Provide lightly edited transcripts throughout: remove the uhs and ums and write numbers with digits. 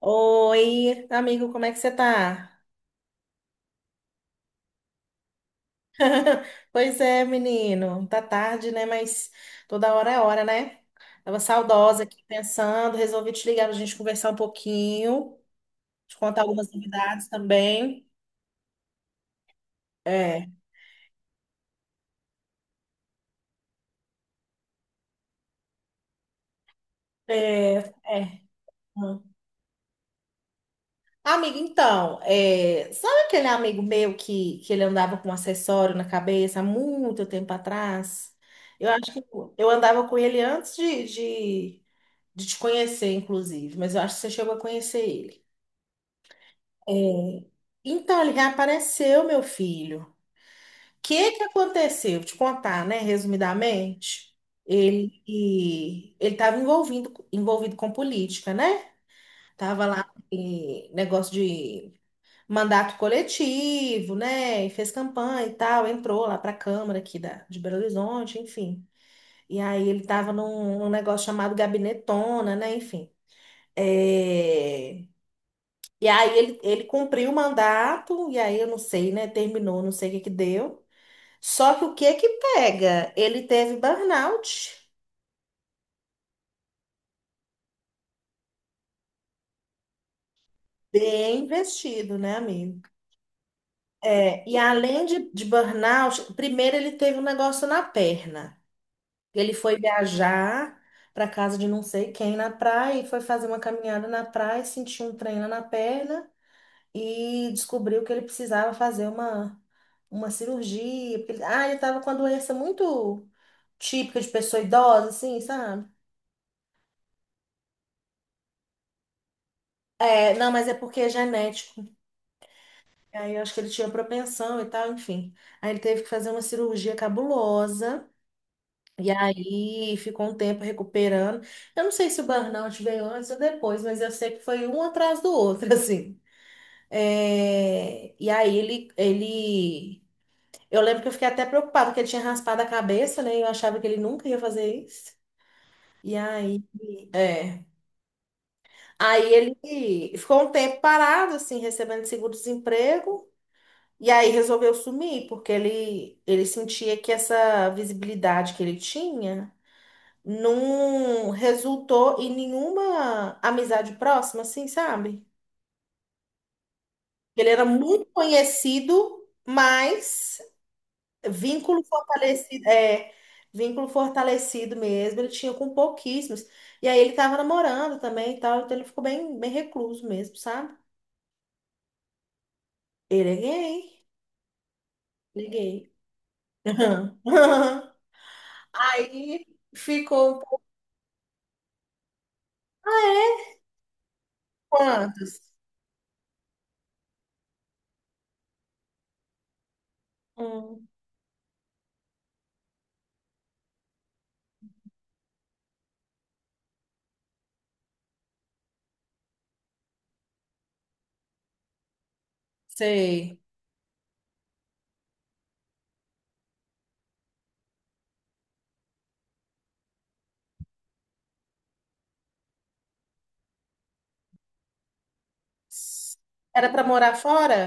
Oi, amigo, como é que você tá? Pois é, menino, tá tarde, né? Mas toda hora é hora, né? Tava saudosa aqui pensando, resolvi te ligar pra gente conversar um pouquinho, te contar algumas novidades também. É, é, é. Hum. Amigo, então, sabe aquele amigo meu que ele andava com um acessório na cabeça há muito tempo atrás? Eu acho que eu andava com ele antes de te conhecer, inclusive, mas eu acho que você chegou a conhecer ele. É. Então, ele reapareceu, meu filho. O que que aconteceu? Vou te contar, né? Resumidamente, ele estava envolvido com política, né? Tava lá em negócio de mandato coletivo, né? E fez campanha e tal, entrou lá para a Câmara aqui de Belo Horizonte, enfim. E aí ele estava num negócio chamado Gabinetona, né? Enfim. É. E aí ele cumpriu o mandato, e aí eu não sei, né? Terminou, não sei o que que deu. Só que o que que pega? Ele teve burnout. Bem investido, né, amigo? É, e além de burnout, primeiro ele teve um negócio na perna. Ele foi viajar para casa de não sei quem na praia e foi fazer uma caminhada na praia, sentiu um trem lá na perna. E descobriu que ele precisava fazer uma cirurgia. Porque ele estava com uma doença muito típica de pessoa idosa, assim, sabe? É, não, mas é porque é genético. Aí eu acho que ele tinha propensão e tal, enfim. Aí ele teve que fazer uma cirurgia cabulosa. E aí ficou um tempo recuperando. Eu não sei se o burnout veio antes ou depois, mas eu sei que foi um atrás do outro, assim. É, e aí ele. Eu lembro que eu fiquei até preocupada porque ele tinha raspado a cabeça, né? E eu achava que ele nunca ia fazer isso. E aí, é. Aí ele ficou um tempo parado, assim, recebendo seguro-desemprego. E aí resolveu sumir, porque ele sentia que essa visibilidade que ele tinha não resultou em nenhuma amizade próxima, assim, sabe? Ele era muito conhecido, mas vínculo fortalecido, é, vínculo fortalecido mesmo, ele tinha com pouquíssimos. E aí ele tava namorando também e tal, então ele ficou bem recluso mesmo, sabe? Ele é gay, ele é gay. Aí ficou quantos? Hum, sei. Era pra morar fora?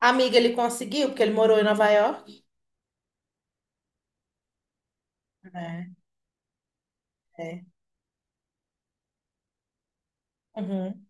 Amiga, ele conseguiu, porque ele morou em Nova York. É, é. Uhum,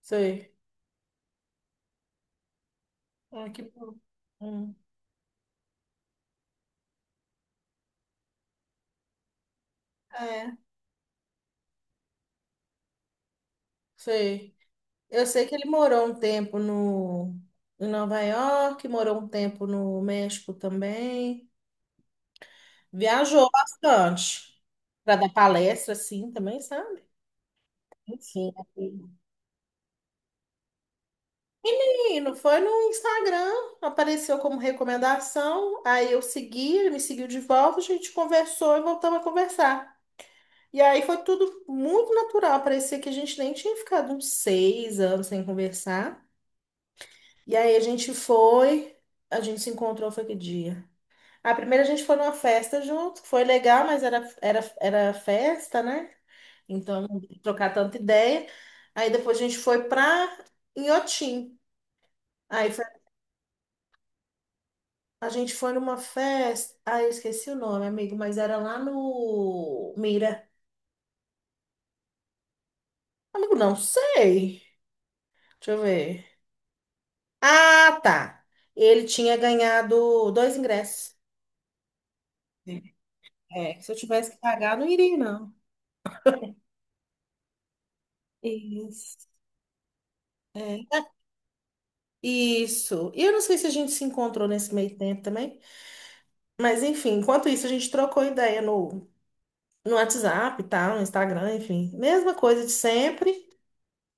sei. Ah, que bom. Hum, É, sei. Eu sei que ele morou um tempo no, em Nova York, morou um tempo no México também. Viajou bastante para dar palestra, assim, também, sabe? Enfim. Menino, foi no Instagram, apareceu como recomendação, aí eu segui, ele me seguiu de volta, a gente conversou e voltamos a conversar. E aí foi tudo muito natural, parecia que a gente nem tinha ficado uns 6 anos sem conversar. E aí a gente se encontrou, foi que dia? A primeira a gente foi numa festa junto, foi legal, mas era festa, né? Então não deu pra trocar tanta ideia. Aí depois a gente foi pra Inhotim. Aí foi- a gente foi numa festa. Ah, eu esqueci o nome, amigo, mas era lá no Mira. Amigo, não sei. Deixa eu ver. Ah, tá. Ele tinha ganhado dois ingressos. É, se eu tivesse que pagar, não iria, não. Isso. Isso. E eu não sei se a gente se encontrou nesse meio tempo também. Mas, enfim, enquanto isso, a gente trocou ideia no WhatsApp e tal, no Instagram, enfim. Mesma coisa de sempre.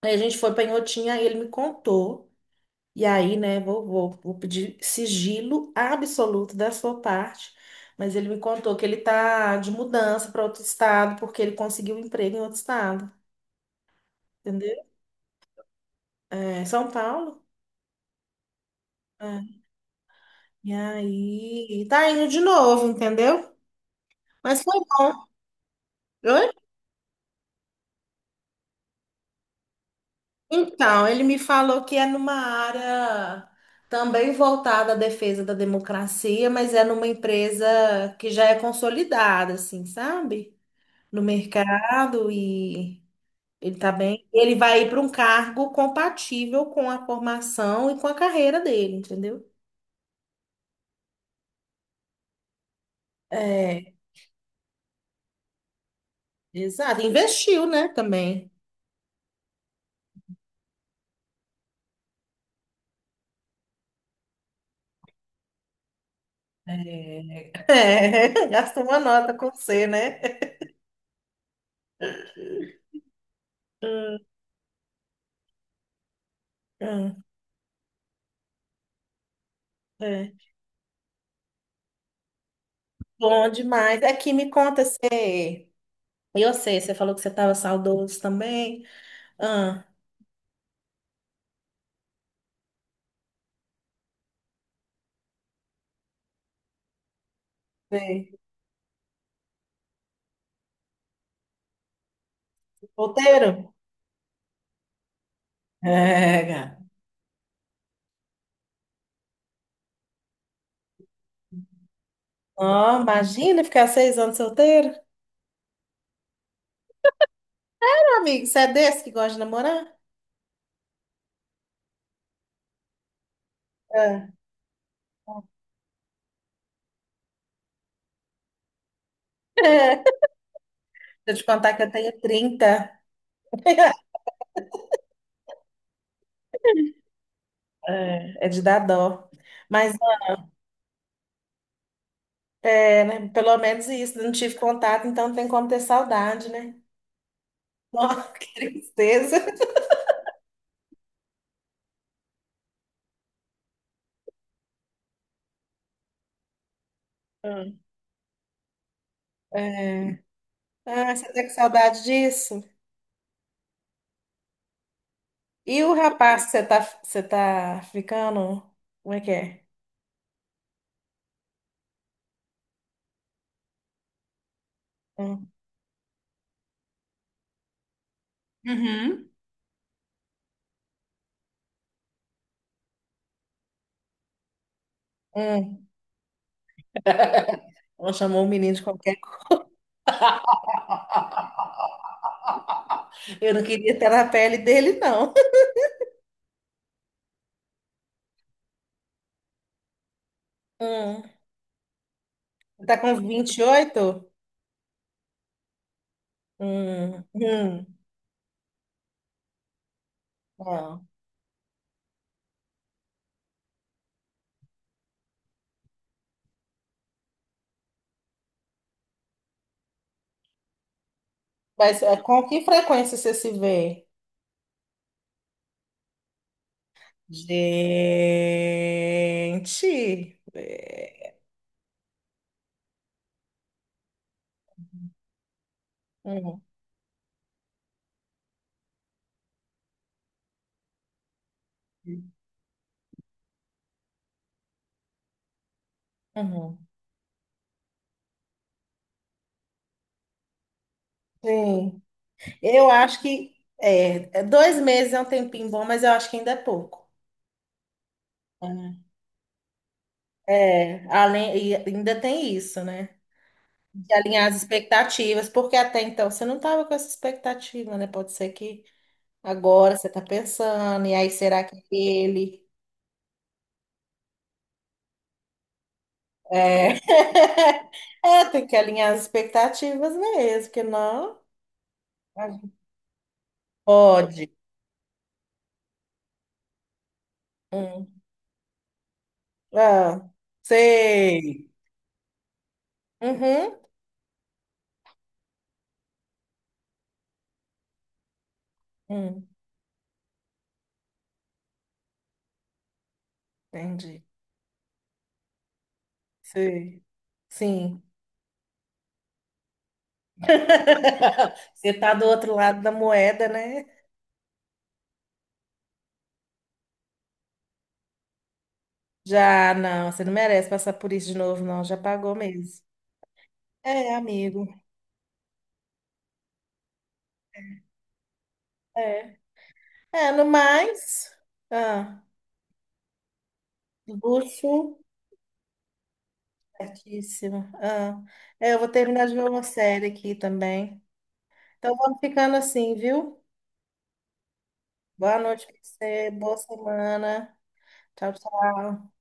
Aí a gente foi pra Inhotim, aí ele me contou. E aí, né, vou pedir sigilo absoluto da sua parte. Mas ele me contou que ele tá de mudança para outro estado, porque ele conseguiu um emprego em outro estado. Entendeu? É, São Paulo. É. E aí, tá indo de novo, entendeu? Mas foi bom. Oi? Então, ele me falou que é numa área também voltada à defesa da democracia, mas é numa empresa que já é consolidada, assim, sabe? No mercado e ele tá bem. Ele vai ir para um cargo compatível com a formação e com a carreira dele, entendeu? É, exato. Investiu, né, também. É, é, gastou uma nota com você, né? Hum, hum, é. Bom demais. Aqui me conta você. E eu sei, você falou que você estava saudoso também. Ah, sei. Solteiro? É, cara. Ó, imagina ficar 6 anos solteiro. Meu amigo, você é desse que gosta de namorar? É, é. Deixa eu te contar que eu tenho 30. É é de dar dó. Mas é, né, pelo menos isso, não tive contato, então tem como ter saudade, né? Nossa, que tristeza. É. É. Ah, você tá com saudade disso? E o rapaz que você tá ficando? Como é que é? Hum. Uhum. Hum. Ela chamou o menino de qualquer coisa. Eu não queria estar na pele dele, não. Hum. Tá com 28. Hum. Não. Mas é, com que frequência você se vê? Gente. É. Hum. Uhum. Sim, eu acho que 2 meses é um tempinho bom, mas eu acho que ainda é pouco. É, além, e ainda tem isso, né? De alinhar as expectativas, porque até então você não estava com essa expectativa, né? Pode ser que agora você está pensando, e aí será que ele. É, é tem que alinhar as expectativas mesmo, porque não. Pode. Hum. Ah, sei. Uhum. Hum, entendi. Sei. Sim. Você tá do outro lado da moeda, né? Já, não, você não merece passar por isso de novo, não. Já pagou mesmo. É, amigo. É. É, no mais, ah, luxo, certíssimo. Ah, é, eu vou terminar de ver uma série aqui também. Então vamos ficando assim, viu? Boa noite pra você, boa semana. Tchau, tchau.